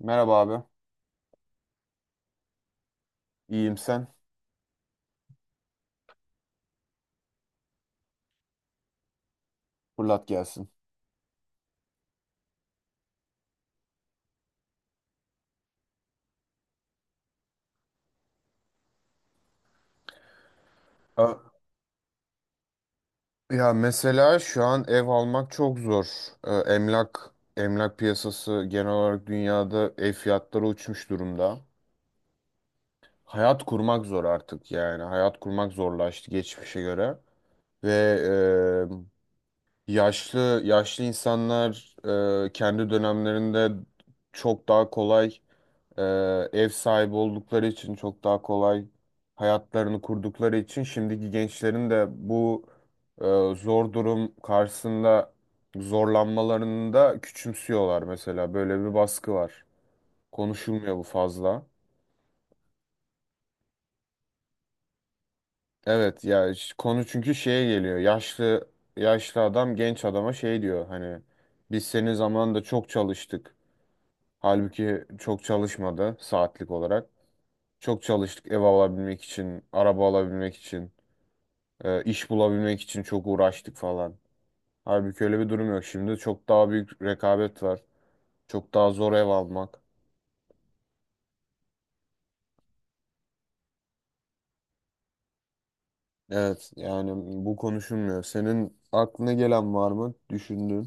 Merhaba abi. İyiyim sen. Fırlat gelsin. A- Ya mesela şu an ev almak çok zor. Emlak piyasası genel olarak dünyada ev fiyatları uçmuş durumda. Hayat kurmak zor artık yani. Hayat kurmak zorlaştı geçmişe göre. Ve yaşlı yaşlı insanlar kendi dönemlerinde çok daha kolay, Ee, ev sahibi oldukları için çok daha kolay hayatlarını kurdukları için şimdiki gençlerin de bu e, zor durum karşısında zorlanmalarını da küçümsüyorlar mesela. Böyle bir baskı var. Konuşulmuyor bu fazla. Evet ya, konu çünkü şeye geliyor. Yaşlı yaşlı adam genç adama şey diyor, hani biz senin zamanında çok çalıştık. Halbuki çok çalışmadı saatlik olarak. Çok çalıştık ev alabilmek için, araba alabilmek için. İş bulabilmek için çok uğraştık falan. Halbuki öyle bir durum yok. Şimdi çok daha büyük rekabet var. Çok daha zor ev almak. Evet, yani bu konuşulmuyor. Senin aklına gelen var mı? Düşündüğün.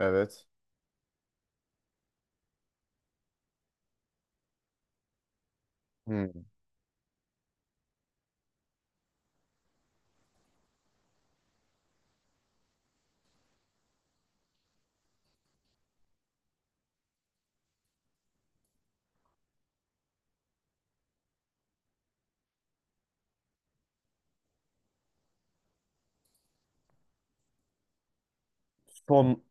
Evet. Hmm. Son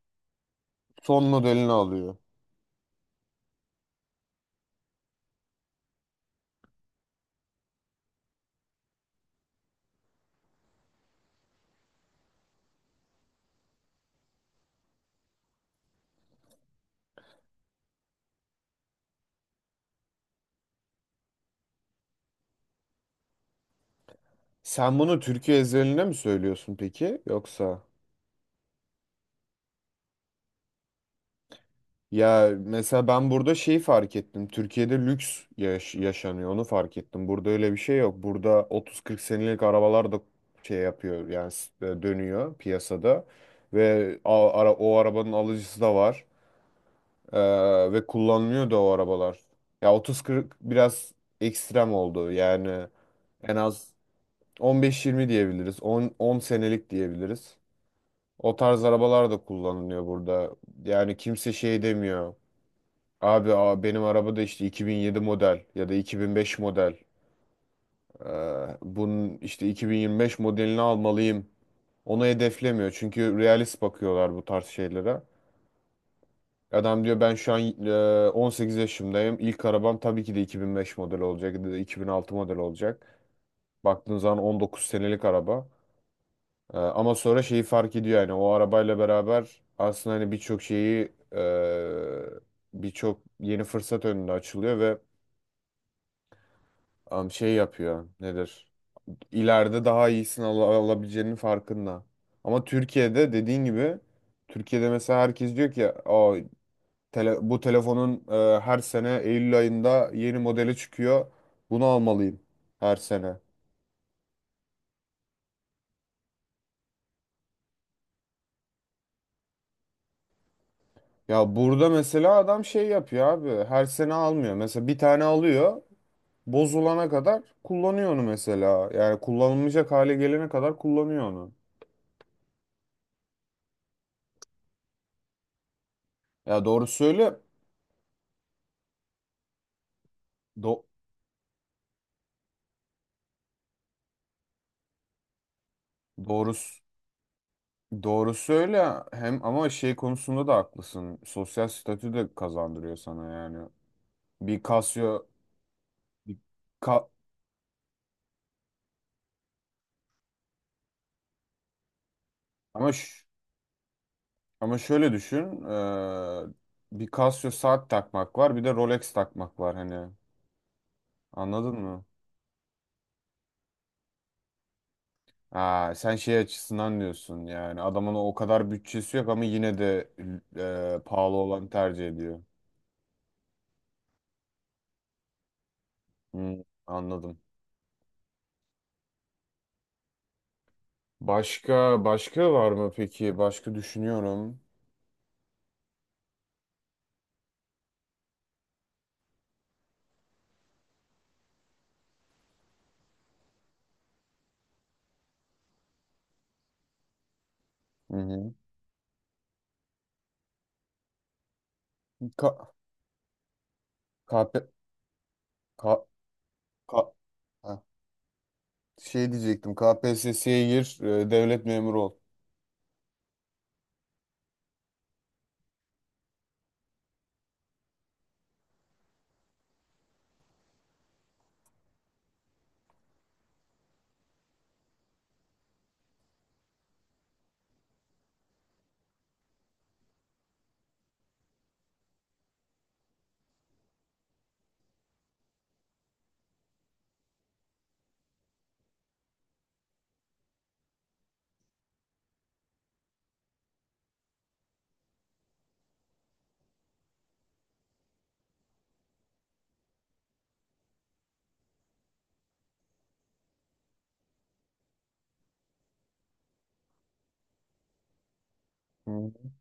son modelini alıyor. Sen bunu Türkiye özeline mi söylüyorsun peki? Yoksa? Ya mesela ben burada şeyi fark ettim. Türkiye'de lüks yaşanıyor. Onu fark ettim. Burada öyle bir şey yok. Burada 30-40 senelik arabalar da şey yapıyor. Yani dönüyor piyasada. Ve o arabanın alıcısı da var. Ve kullanılıyor da o arabalar. Ya 30-40 biraz ekstrem oldu. Yani en az 15-20 diyebiliriz. 10 senelik diyebiliriz. O tarz arabalar da kullanılıyor burada. Yani kimse şey demiyor. Abi benim arabada işte 2007 model ya da 2005 model. Bunun işte 2025 modelini almalıyım. Onu hedeflemiyor çünkü realist bakıyorlar bu tarz şeylere. Adam diyor ben şu an 18 yaşındayım. İlk arabam tabii ki de 2005 model olacak ya da 2006 model olacak. Baktığın zaman 19 senelik araba. Ama sonra şeyi fark ediyor, yani o arabayla beraber aslında hani birçok şeyi, birçok yeni fırsat önüne açılıyor ve şey yapıyor. Nedir? İleride daha iyisini alabileceğinin farkında. Ama Türkiye'de dediğin gibi, Türkiye'de mesela herkes diyor ki bu telefonun her sene Eylül ayında yeni modeli çıkıyor. Bunu almalıyım her sene. Ya burada mesela adam şey yapıyor abi. Her sene almıyor. Mesela bir tane alıyor. Bozulana kadar kullanıyor onu mesela. Yani kullanılmayacak hale gelene kadar kullanıyor onu. Ya doğru söyle. Do doğrusu Doğrusu öyle, hem ama şey konusunda da haklısın. Sosyal statü de kazandırıyor sana yani. Bir Casio bir ka- ama ş- ama şöyle düşün. Bir Casio saat takmak var, bir de Rolex takmak var hani. Anladın mı? Ha, sen şey açısından diyorsun, yani adamın o kadar bütçesi yok ama yine de pahalı olan tercih ediyor. Hmm, anladım. Başka başka var mı peki? Başka düşünüyorum. Hı hı. Ka- KP Ka ka ha, Şey diyecektim. KPSS'ye gir, devlet memuru ol. Hı.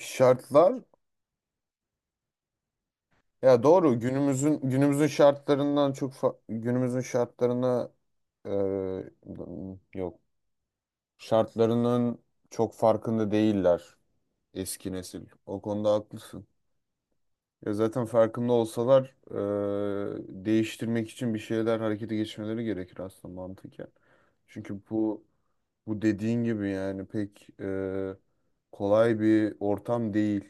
Şartlar, ya doğru, günümüzün şartlarından günümüzün şartlarına e, yok. Şartlarının çok farkında değiller eski nesil. O konuda haklısın. Ya zaten farkında olsalar değiştirmek için bir şeyler harekete geçmeleri gerekir aslında mantıken. Çünkü bu dediğin gibi yani pek kolay bir ortam değil.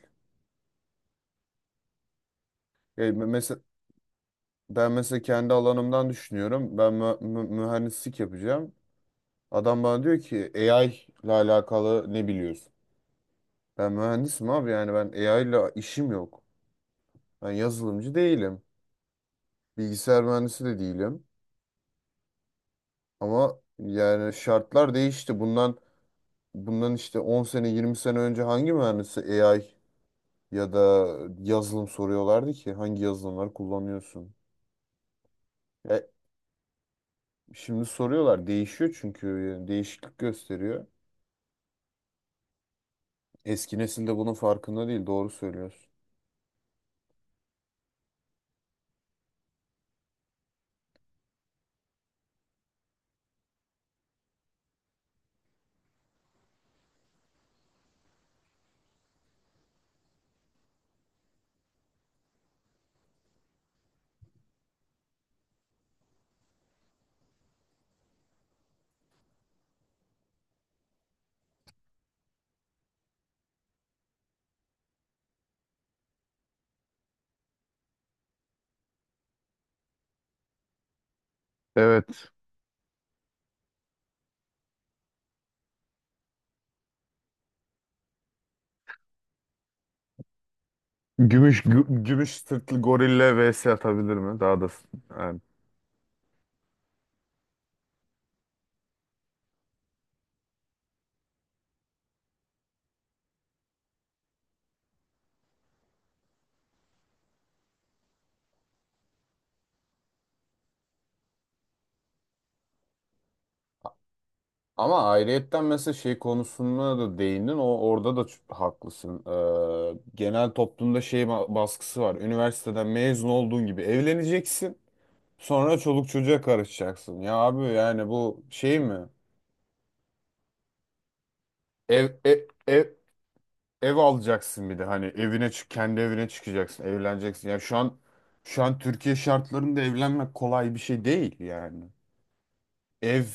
Mesela ben mesela kendi alanımdan düşünüyorum. Ben mühendislik yapacağım. Adam bana diyor ki AI ile alakalı ne biliyorsun? Ben mühendisim abi, yani ben AI ile işim yok. Ben yazılımcı değilim. Bilgisayar mühendisi de değilim. Ama yani şartlar değişti. Bundan işte 10 sene 20 sene önce hangi mühendisi AI ya da yazılım soruyorlardı ki, hangi yazılımları kullanıyorsun? E, Şimdi soruyorlar, değişiyor çünkü, yani değişiklik gösteriyor. Eski nesil de bunun farkında değil, doğru söylüyorsun. Evet. Gümüş sırtlı gorille vs atabilir mi? Daha da yani. Ama ayrıyetten mesela şey konusuna da değindin. O orada da haklısın. Genel toplumda şey baskısı var. Üniversiteden mezun olduğun gibi evleneceksin. Sonra çoluk çocuğa karışacaksın. Ya abi yani bu şey mi? Ev ev ev, ev alacaksın bir de hani, evine çık kendi evine çıkacaksın, evleneceksin. Ya şu an Türkiye şartlarında evlenmek kolay bir şey değil yani. Ev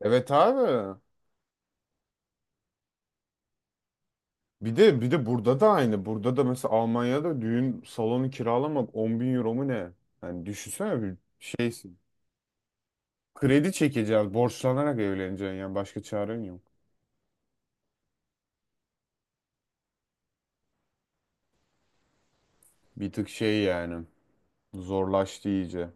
evet abi. Bir de burada da aynı. Burada da mesela Almanya'da düğün salonu kiralamak 10.000 euro mu ne? Hani düşünsene bir şeysin. Kredi çekeceğiz, borçlanarak evleneceksin yani başka çaren yok. Bir tık şey yani zorlaştı iyice.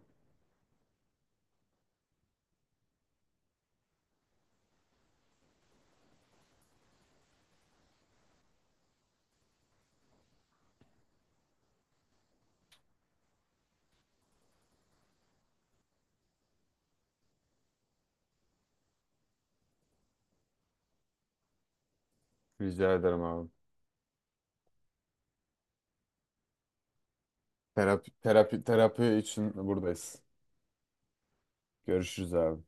Rica ederim abi. Terapi, terapi, terapi için buradayız. Görüşürüz abi.